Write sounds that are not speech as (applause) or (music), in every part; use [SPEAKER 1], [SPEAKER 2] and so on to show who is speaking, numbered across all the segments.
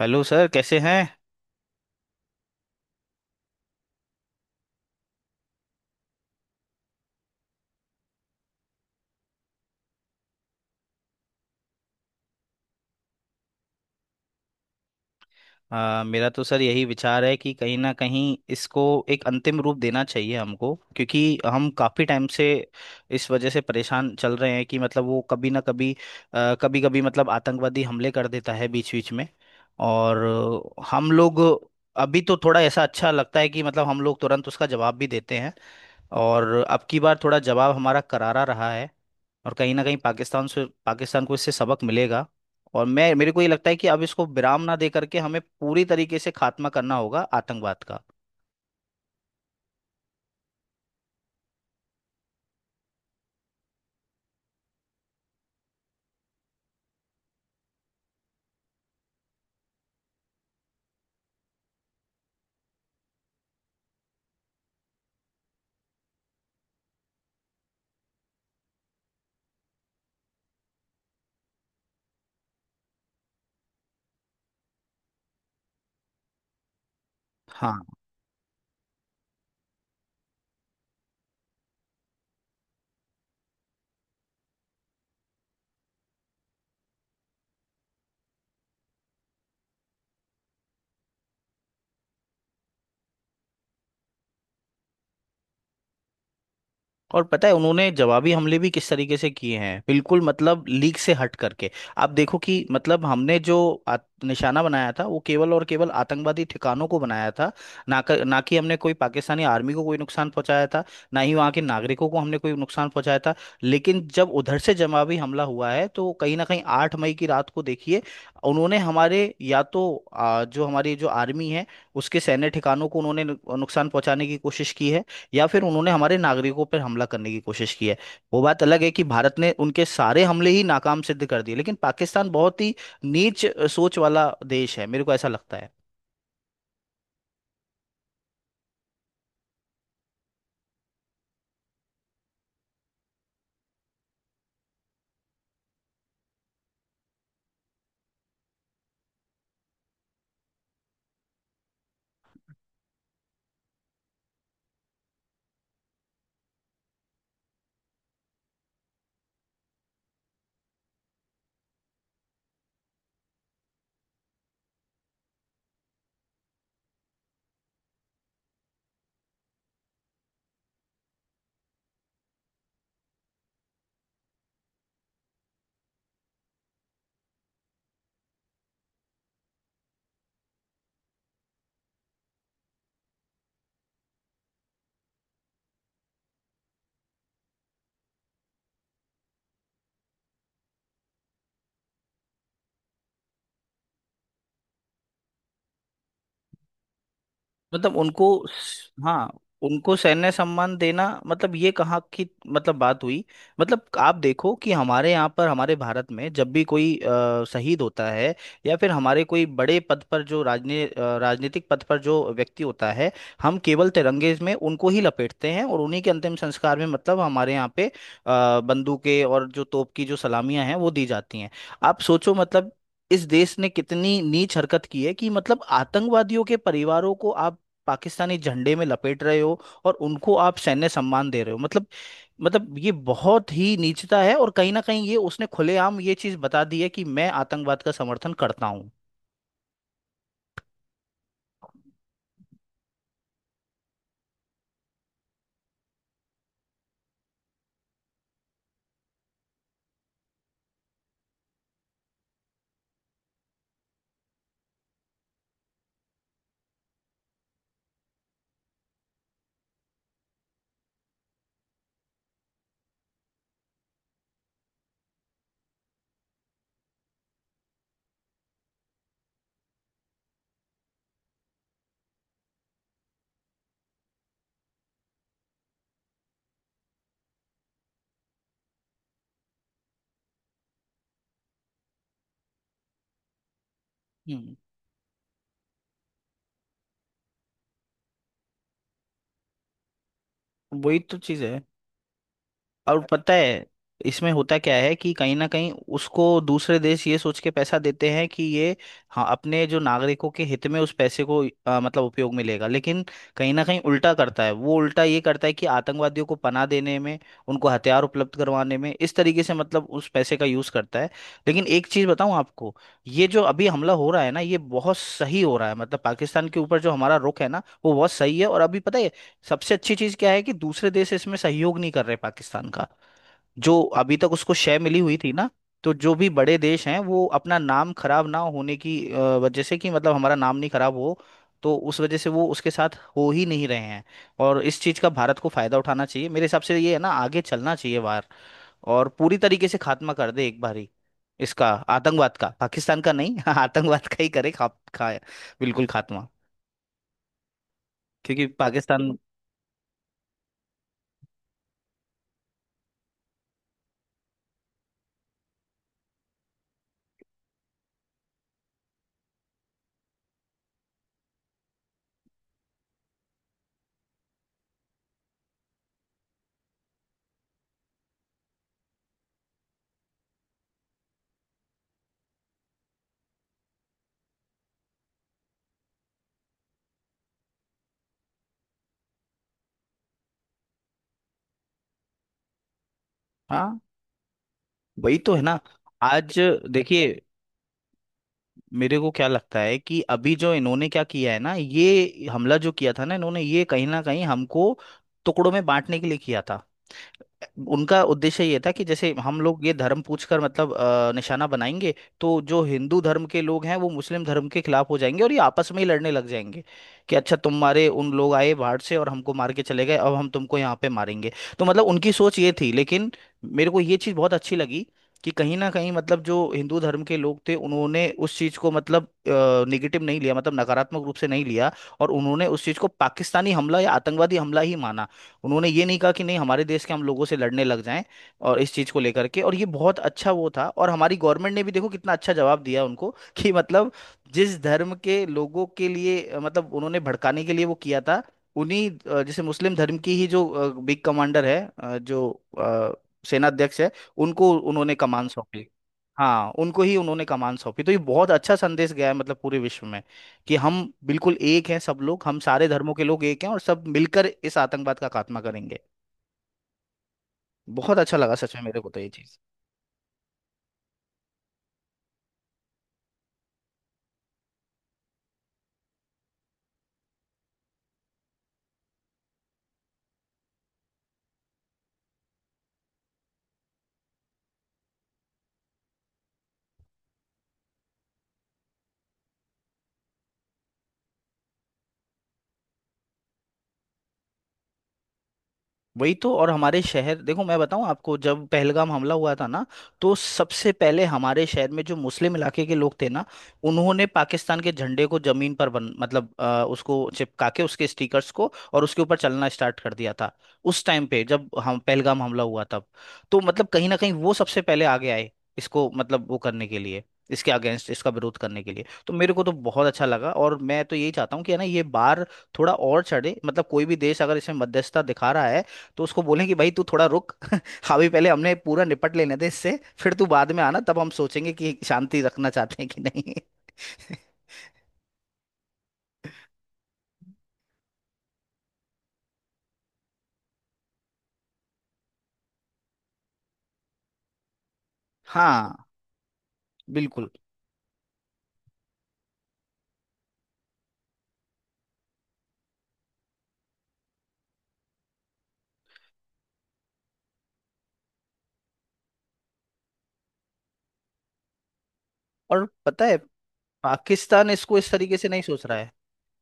[SPEAKER 1] Hello sir, कैसे हैं? मेरा तो सर यही विचार है कि कहीं ना कहीं इसको एक अंतिम रूप देना चाहिए हमको, क्योंकि हम काफ़ी टाइम से इस वजह से परेशान चल रहे हैं कि मतलब वो कभी ना कभी कभी कभी मतलब आतंकवादी हमले कर देता है बीच बीच में। और हम लोग अभी तो थोड़ा ऐसा अच्छा लगता है कि मतलब हम लोग तुरंत उसका जवाब भी देते हैं, और अब की बार थोड़ा जवाब हमारा करारा रहा है और कहीं ना कहीं पाकिस्तान से पाकिस्तान को इससे सबक मिलेगा। और मैं मेरे को ये लगता है कि अब इसको विराम ना दे करके हमें पूरी तरीके से खात्मा करना होगा आतंकवाद का। हाँ। और पता है उन्होंने जवाबी हमले भी किस तरीके से किए हैं, बिल्कुल मतलब लीक से हट करके। आप देखो कि मतलब हमने जो निशाना बनाया था वो केवल और केवल आतंकवादी ठिकानों को बनाया था, ना कि हमने कोई पाकिस्तानी आर्मी को कोई नुकसान पहुंचाया था, ना ही वहाँ के नागरिकों को हमने कोई नुकसान पहुंचाया था। लेकिन जब उधर से जवाबी हमला हुआ है तो कहीं ना कहीं 8 मई की रात को देखिए, उन्होंने हमारे या तो जो हमारी जो आर्मी है उसके सैन्य ठिकानों को उन्होंने नुकसान पहुंचाने की कोशिश की है, या फिर उन्होंने हमारे नागरिकों पर हमला करने की कोशिश की है। वो बात अलग है कि भारत ने उनके सारे हमले ही नाकाम सिद्ध कर दिए, लेकिन पाकिस्तान बहुत ही नीच सोच वाला देश है, मेरे को ऐसा लगता है। मतलब उनको हाँ। उनको सैन्य सम्मान देना, मतलब ये कहाँ की मतलब बात हुई। मतलब आप देखो कि हमारे यहाँ पर हमारे भारत में जब भी कोई शहीद होता है, या फिर हमारे कोई बड़े पद पर जो राजनीतिक पद पर जो व्यक्ति होता है, हम केवल तिरंगे में उनको ही लपेटते हैं, और उन्हीं के अंतिम संस्कार में मतलब हमारे यहाँ पे बंदूकें और जो तोप की जो सलामियां हैं वो दी जाती हैं। आप सोचो, मतलब इस देश ने कितनी नीच हरकत की है कि मतलब आतंकवादियों के परिवारों को आप पाकिस्तानी झंडे में लपेट रहे हो, और उनको आप सैन्य सम्मान दे रहे हो। मतलब ये बहुत ही नीचता है, और कहीं ना कहीं ये उसने खुलेआम ये चीज बता दी है कि मैं आतंकवाद का समर्थन करता हूँ। हम्म। वही तो चीज है। और पता है इसमें होता क्या है कि कहीं ना कहीं उसको दूसरे देश ये सोच के पैसा देते हैं कि ये, हाँ, अपने जो नागरिकों के हित में उस पैसे को मतलब उपयोग में लेगा। लेकिन कहीं ना कहीं उल्टा करता है, वो उल्टा ये करता है कि आतंकवादियों को पनाह देने में, उनको हथियार उपलब्ध करवाने में, इस तरीके से मतलब उस पैसे का यूज करता है। लेकिन एक चीज बताऊं आपको, ये जो अभी हमला हो रहा है ना ये बहुत सही हो रहा है, मतलब पाकिस्तान के ऊपर जो हमारा रुख है ना वो बहुत सही है। और अभी पता है सबसे अच्छी चीज क्या है कि दूसरे देश इसमें सहयोग नहीं कर रहे पाकिस्तान का। जो अभी तक उसको शय मिली हुई थी ना, तो जो भी बड़े देश हैं वो अपना नाम खराब ना होने की वजह से कि मतलब हमारा नाम नहीं खराब हो, तो उस वजह से वो उसके साथ हो ही नहीं रहे हैं। और इस चीज का भारत को फायदा उठाना चाहिए, मेरे हिसाब से ये है ना आगे चलना चाहिए बाहर, और पूरी तरीके से खात्मा कर दे एक बार ही इसका, आतंकवाद का, पाकिस्तान का नहीं (laughs) आतंकवाद का ही करे, खा, खा बिल्कुल खात्मा। क्योंकि पाकिस्तान। हाँ, वही तो है ना। आज देखिए, मेरे को क्या लगता है कि अभी जो इन्होंने क्या किया है ना, ये हमला जो किया था ना इन्होंने, ये कहीं ना कहीं हमको टुकड़ों में बांटने के लिए किया था। उनका उद्देश्य ये था कि जैसे हम लोग ये धर्म पूछकर मतलब निशाना बनाएंगे, तो जो हिंदू धर्म के लोग हैं वो मुस्लिम धर्म के खिलाफ हो जाएंगे और ये आपस में ही लड़ने लग जाएंगे कि अच्छा तुम्हारे उन लोग आए बाहर से और हमको मार के चले गए अब हम तुमको यहाँ पे मारेंगे। तो मतलब उनकी सोच ये थी, लेकिन मेरे को ये चीज़ बहुत अच्छी लगी कि कहीं ना कहीं मतलब जो हिंदू धर्म के लोग थे उन्होंने उस चीज़ को मतलब निगेटिव नहीं लिया, मतलब नकारात्मक रूप से नहीं लिया, और उन्होंने उस चीज़ को पाकिस्तानी हमला या आतंकवादी हमला ही माना। उन्होंने ये नहीं कहा कि नहीं हमारे देश के हम लोगों से लड़ने लग जाएं, और इस चीज़ को लेकर के, और ये बहुत अच्छा वो था। और हमारी गवर्नमेंट ने भी देखो कितना अच्छा जवाब दिया उनको (laughs) कि मतलब जिस धर्म के लोगों के लिए मतलब उन्होंने भड़काने के लिए वो किया था, उन्हीं जैसे मुस्लिम धर्म की ही जो बिग कमांडर है, जो अ, सेनाध्यक्ष है, उनको उन्होंने कमान सौंपी। हाँ, उनको ही उन्होंने कमान सौंपी, तो ये बहुत अच्छा संदेश गया है मतलब पूरे विश्व में कि हम बिल्कुल एक हैं सब लोग, हम सारे धर्मों के लोग एक हैं और सब मिलकर इस आतंकवाद का खात्मा करेंगे। बहुत अच्छा लगा सच में मेरे को तो ये चीज। वही तो। और हमारे शहर देखो, मैं बताऊं आपको, जब पहलगाम हमला हुआ था ना तो सबसे पहले हमारे शहर में जो मुस्लिम इलाके के लोग थे ना उन्होंने पाकिस्तान के झंडे को जमीन पर उसको चिपका के, उसके स्टिकर्स को और उसके ऊपर चलना स्टार्ट कर दिया था उस टाइम पे, जब हम पहलगाम हमला हुआ तब। तो मतलब कहीं ना कहीं वो सबसे पहले आगे आए इसको मतलब वो करने के लिए, इसके अगेंस्ट, इसका विरोध करने के लिए, तो मेरे को तो बहुत अच्छा लगा। और मैं तो यही चाहता हूँ कि है ना ये बार थोड़ा और चढ़े, मतलब कोई भी देश अगर इसमें मध्यस्थता दिखा रहा है तो उसको बोलें कि भाई तू थोड़ा रुक (laughs) अभी, पहले हमने पूरा निपट लेने दे इससे, फिर तू बाद में आना तब हम सोचेंगे कि शांति रखना चाहते हैं कि नहीं। (laughs) हाँ, बिल्कुल। और पता है पाकिस्तान इसको इस तरीके से नहीं सोच रहा है,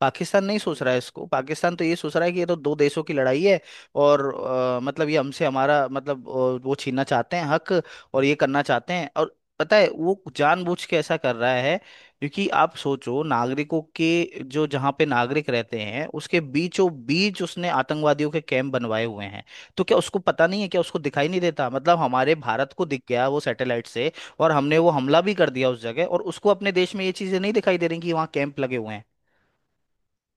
[SPEAKER 1] पाकिस्तान नहीं सोच रहा है इसको। पाकिस्तान तो ये सोच रहा है कि ये तो दो देशों की लड़ाई है, और मतलब ये हमसे हमारा मतलब वो छीनना चाहते हैं हक और ये करना चाहते हैं, और पता है वो जानबूझ के ऐसा कर रहा है। क्योंकि आप सोचो नागरिकों के जो जहाँ पे नागरिक रहते हैं उसके बीचों बीच उसने आतंकवादियों के कैंप बनवाए हुए हैं, तो क्या उसको पता नहीं है, क्या उसको दिखाई नहीं देता? मतलब हमारे भारत को दिख गया वो सैटेलाइट से, और हमने वो हमला भी कर दिया उस जगह, और उसको अपने देश में ये चीजें नहीं दिखाई दे रही कि वहाँ कैंप लगे हुए हैं?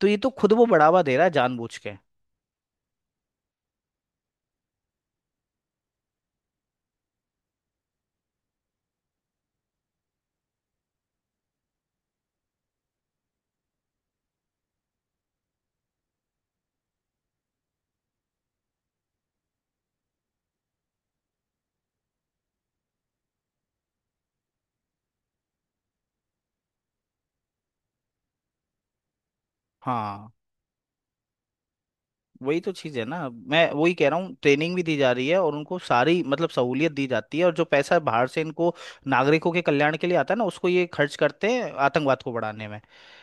[SPEAKER 1] तो ये तो खुद वो बढ़ावा दे रहा है जानबूझ के। हाँ, वही तो चीज है ना, मैं वही कह रहा हूँ। ट्रेनिंग भी दी जा रही है और उनको सारी मतलब सहूलियत दी जाती है, और जो पैसा बाहर से इनको नागरिकों के कल्याण के लिए आता है ना उसको ये खर्च करते हैं आतंकवाद को बढ़ाने में।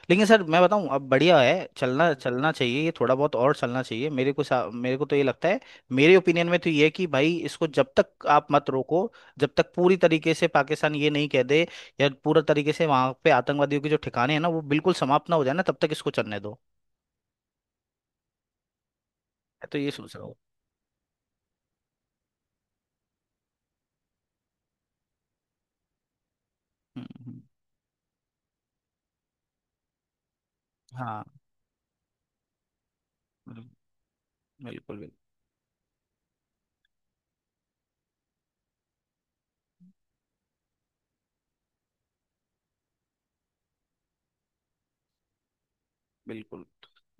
[SPEAKER 1] लेकिन सर मैं बताऊं अब बढ़िया है, चलना चलना चाहिए, ये थोड़ा बहुत और चलना चाहिए। मेरे को तो ये लगता है, मेरे ओपिनियन में तो ये है कि भाई इसको जब तक आप मत रोको, जब तक पूरी तरीके से पाकिस्तान ये नहीं कह दे, या पूरा तरीके से वहां पे आतंकवादियों के जो ठिकाने हैं ना वो बिल्कुल समाप्त ना हो जाए ना तब तक इसको चलने दो। मैं तो ये सोच रहा हूँ। हम्म, हम्म, हाँ, बिल्कुल। बिल्कुल। बिल्कुल।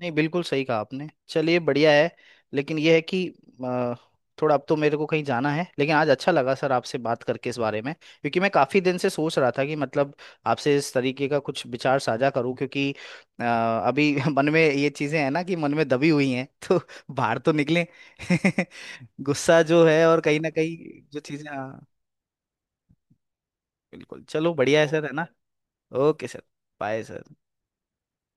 [SPEAKER 1] नहीं, बिल्कुल सही कहा आपने, चलिए बढ़िया है। लेकिन यह है कि अ, थोड़ा अब तो मेरे को कहीं जाना है, लेकिन आज अच्छा लगा सर आपसे बात करके इस बारे में, क्योंकि मैं काफ़ी दिन से सोच रहा था कि मतलब आपसे इस तरीके का कुछ विचार साझा करूं, क्योंकि अ, अभी (laughs) मन में ये चीज़ें हैं ना कि मन में दबी हुई हैं तो (laughs) बाहर तो निकलें, (laughs) गुस्सा जो है और कहीं ना कहीं जो चीज़ें। हाँ, बिल्कुल। चलो बढ़िया है सर, है ना। Okay sir. Bye sir.